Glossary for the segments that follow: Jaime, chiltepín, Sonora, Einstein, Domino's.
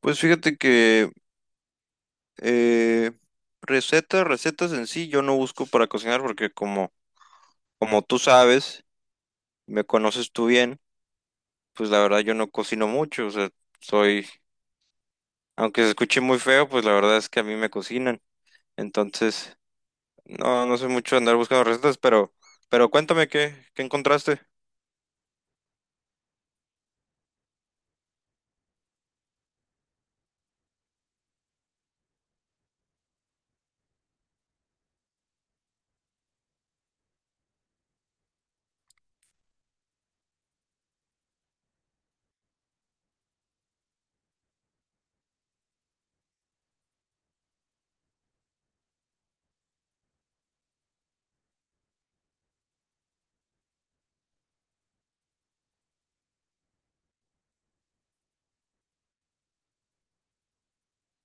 Pues fíjate que eh, recetas en sí, yo no busco para cocinar porque como, como tú sabes, me conoces tú bien, pues la verdad yo no cocino mucho, o sea, soy, aunque se escuche muy feo, pues la verdad es que a mí me cocinan. Entonces, no, no sé mucho andar buscando recetas, pero cuéntame qué encontraste.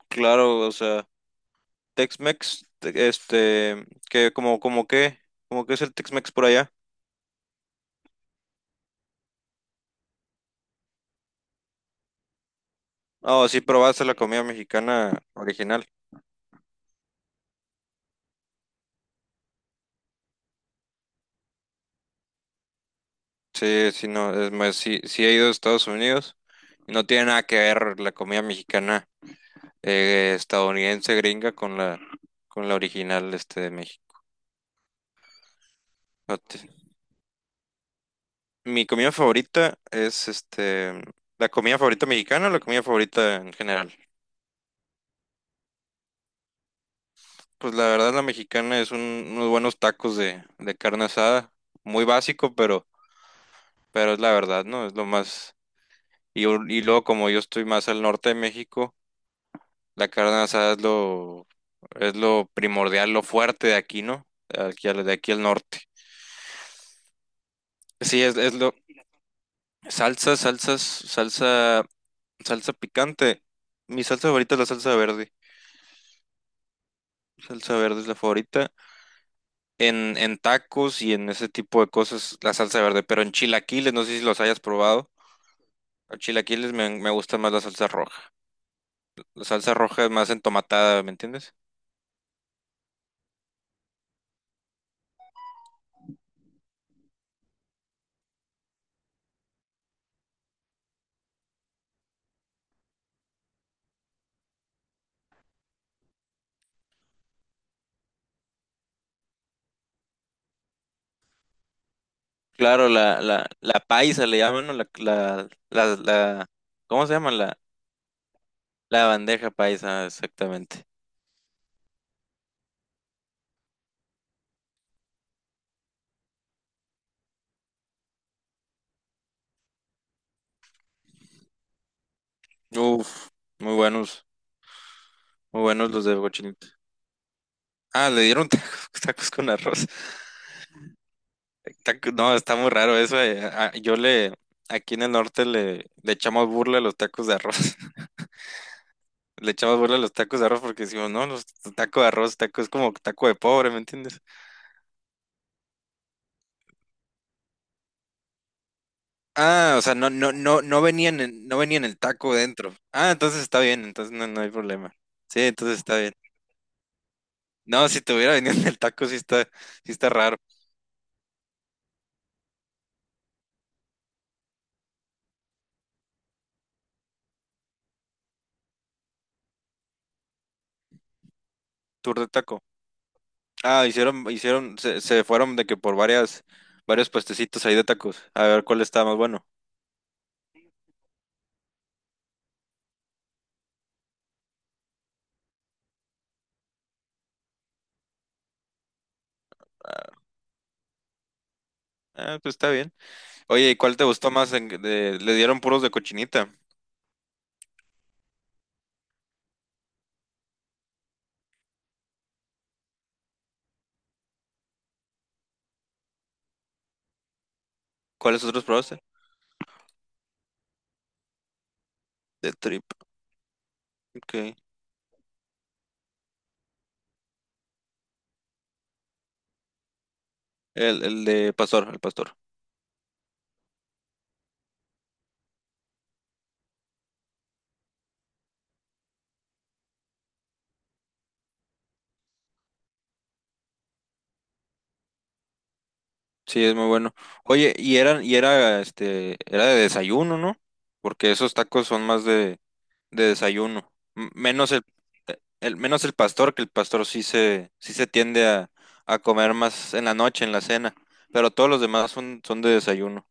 Claro, o sea, Tex-Mex, este, que como, como qué es el Tex-Mex por allá. Oh, sí probaste la comida mexicana original. Sí, sí, no, es más, sí, sí he ido a Estados Unidos y no tiene nada que ver la comida mexicana estadounidense gringa con la original este de México. No te- Mi comida favorita es este la comida favorita mexicana o la comida favorita en general. Pues la verdad la mexicana es unos buenos tacos de carne asada, muy básico, pero es la verdad, ¿no? Es lo más y luego como yo estoy más al norte de México. La carne asada es lo, Es lo primordial, lo fuerte de aquí, ¿no? De aquí de aquí al norte. Sí, es lo. Salsa, salsas, salsa, Salsa picante. Mi salsa favorita es la salsa verde. Salsa verde es la favorita. En tacos y en ese tipo de cosas, la salsa verde. Pero en chilaquiles, no sé si los hayas probado. En chilaquiles me gusta más la salsa roja. La salsa roja es más entomatada, ¿me entiendes? Claro, la paisa le llaman, ¿no? ¿Cómo se llama? La bandeja paisa, exactamente. Uf, muy buenos, muy buenos los de cochinita. Ah, le dieron tacos, tacos con arroz. No, está muy raro eso. Ah, yo aquí en el norte le echamos burla a los tacos de arroz. Le echamos burla a los tacos de arroz porque decimos, no, los tacos de arroz, tacos es como taco de pobre, ¿me entiendes? Ah, o sea, no, no, no, no venían, no venían el taco dentro. Ah, entonces está bien, entonces no, no hay problema. Sí, entonces está bien. No, si te hubiera venido el taco, sí está raro. Tour de taco. Ah, hicieron, se, se fueron de que varios puestecitos ahí de tacos, a ver cuál estaba más bueno. Ah, pues está bien. Oye, ¿y cuál te gustó más? Le dieron puros de cochinita. ¿Cuáles otros probaste? De trip, ok. El de pastor, el pastor. Sí, es muy bueno. Oye, y era, este, era de desayuno, ¿no? Porque esos tacos son más de desayuno. Menos menos el pastor, que el pastor sí sí se tiende a comer más en la noche, en la cena. Pero todos los demás son, son de desayuno.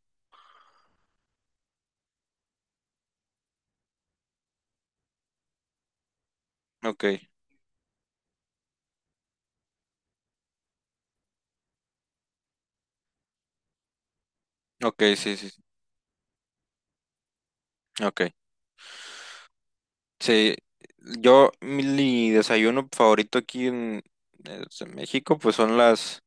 Ok, ok, sí, sí, sí, ok. Sí, yo, mi desayuno favorito aquí es en México, pues son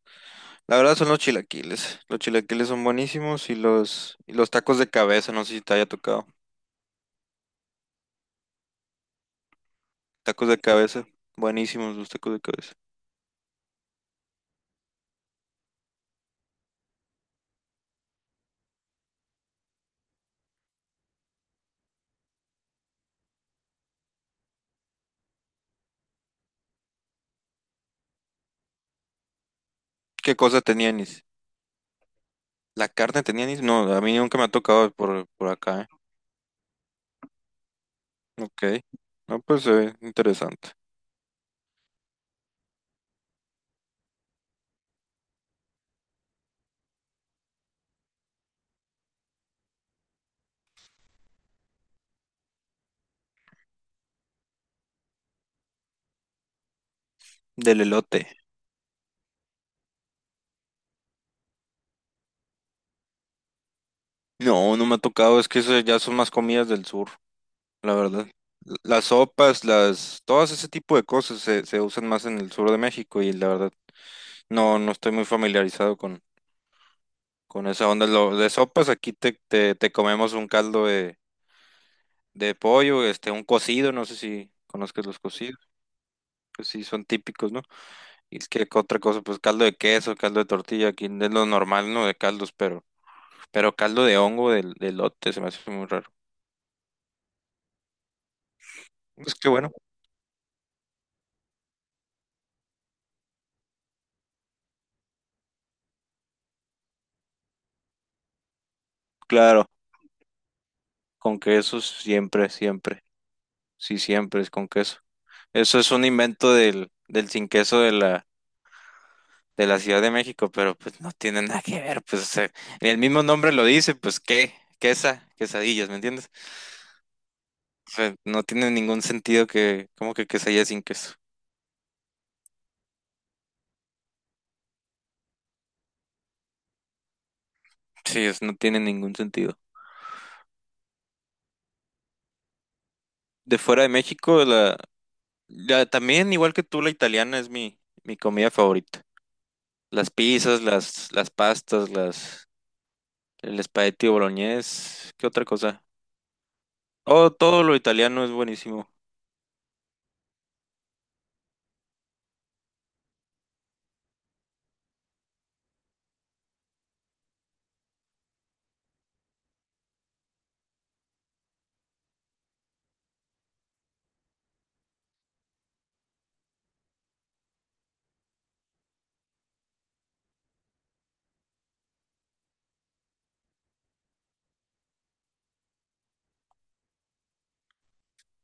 la verdad son los chilaquiles. Los chilaquiles son buenísimos y y los tacos de cabeza, no sé si te haya tocado. Tacos de cabeza, buenísimos los tacos de cabeza. ¿Qué cosa tenían? La carne tenía anís. No, a mí nunca me ha tocado por acá, ¿eh? Ok. No, pues se ve interesante. Del elote. No, no me ha tocado. Es que eso ya son más comidas del sur, la verdad. Las, todas ese tipo de cosas se usan más en el sur de México y la verdad no, no estoy muy familiarizado con esa onda. Lo, de sopas aquí te comemos un caldo de pollo, este, un cocido, no sé si conozcas los cocidos, que sí son típicos, ¿no? Y es que otra cosa, pues caldo de queso, caldo de tortilla, aquí es lo normal, ¿no? De caldos, pero caldo de hongo del de elote se me hace muy raro. Es que bueno, claro, con queso siempre, siempre. Sí, siempre es con queso. Eso es un invento del sin queso de la Ciudad de México, pero pues no tiene nada que ver, pues o sea, el mismo nombre lo dice, pues qué, quesa, quesadillas, ¿me entiendes? O sea, no tiene ningún sentido que, como que quesadilla sin queso. Sí, no tiene ningún sentido. De fuera de México, la, ya, también, igual que tú, la italiana es mi comida favorita. Las pastas, las, el espagueti boloñés, ¿qué otra cosa? Oh, todo lo italiano es buenísimo.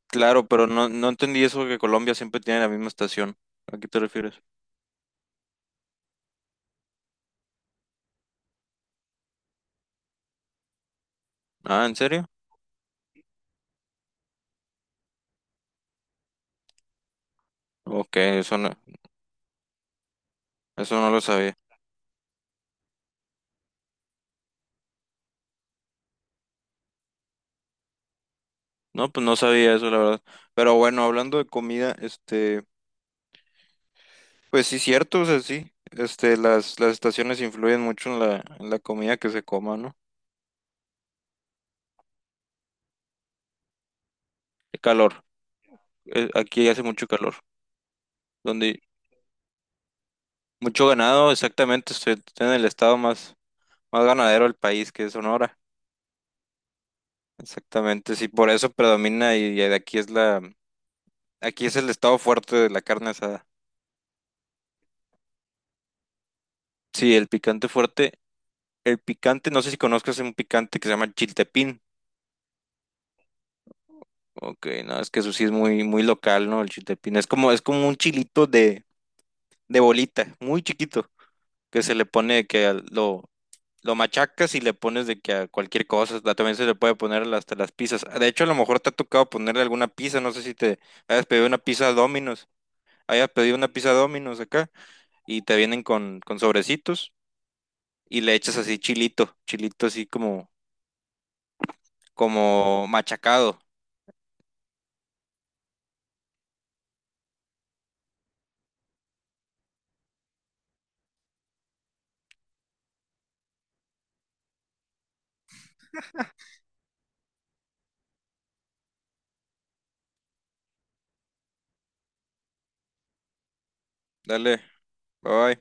Claro, pero no, no entendí eso que Colombia siempre tiene la misma estación. ¿A qué te refieres? Ah, ¿en serio? Ok, eso no lo sabía. No, pues no sabía eso, la verdad. Pero bueno, hablando de comida, este, pues sí, cierto, o sea, sí. Este, las estaciones influyen mucho en en la comida que se coma, ¿no? El calor. Aquí hace mucho calor, donde mucho ganado, exactamente, estoy en el estado más, más ganadero del país, que es Sonora. Exactamente, sí, por eso predomina y aquí es aquí es el estado fuerte de la carne asada. Sí, el picante fuerte, el picante, no sé si conozcas un picante que se llama chiltepín. Ok, no, es que eso sí es muy, muy local, ¿no? El chiltepín es como un chilito de bolita, muy chiquito, que se le pone que lo machacas y le pones de que a cualquier cosa, también se le puede poner hasta las pizzas. De hecho, a lo mejor te ha tocado ponerle alguna pizza, no sé si te hayas pedido una pizza Domino's, hayas pedido una pizza Domino's acá y te vienen con sobrecitos y le echas así chilito, chilito así como, como machacado. Dale, bye.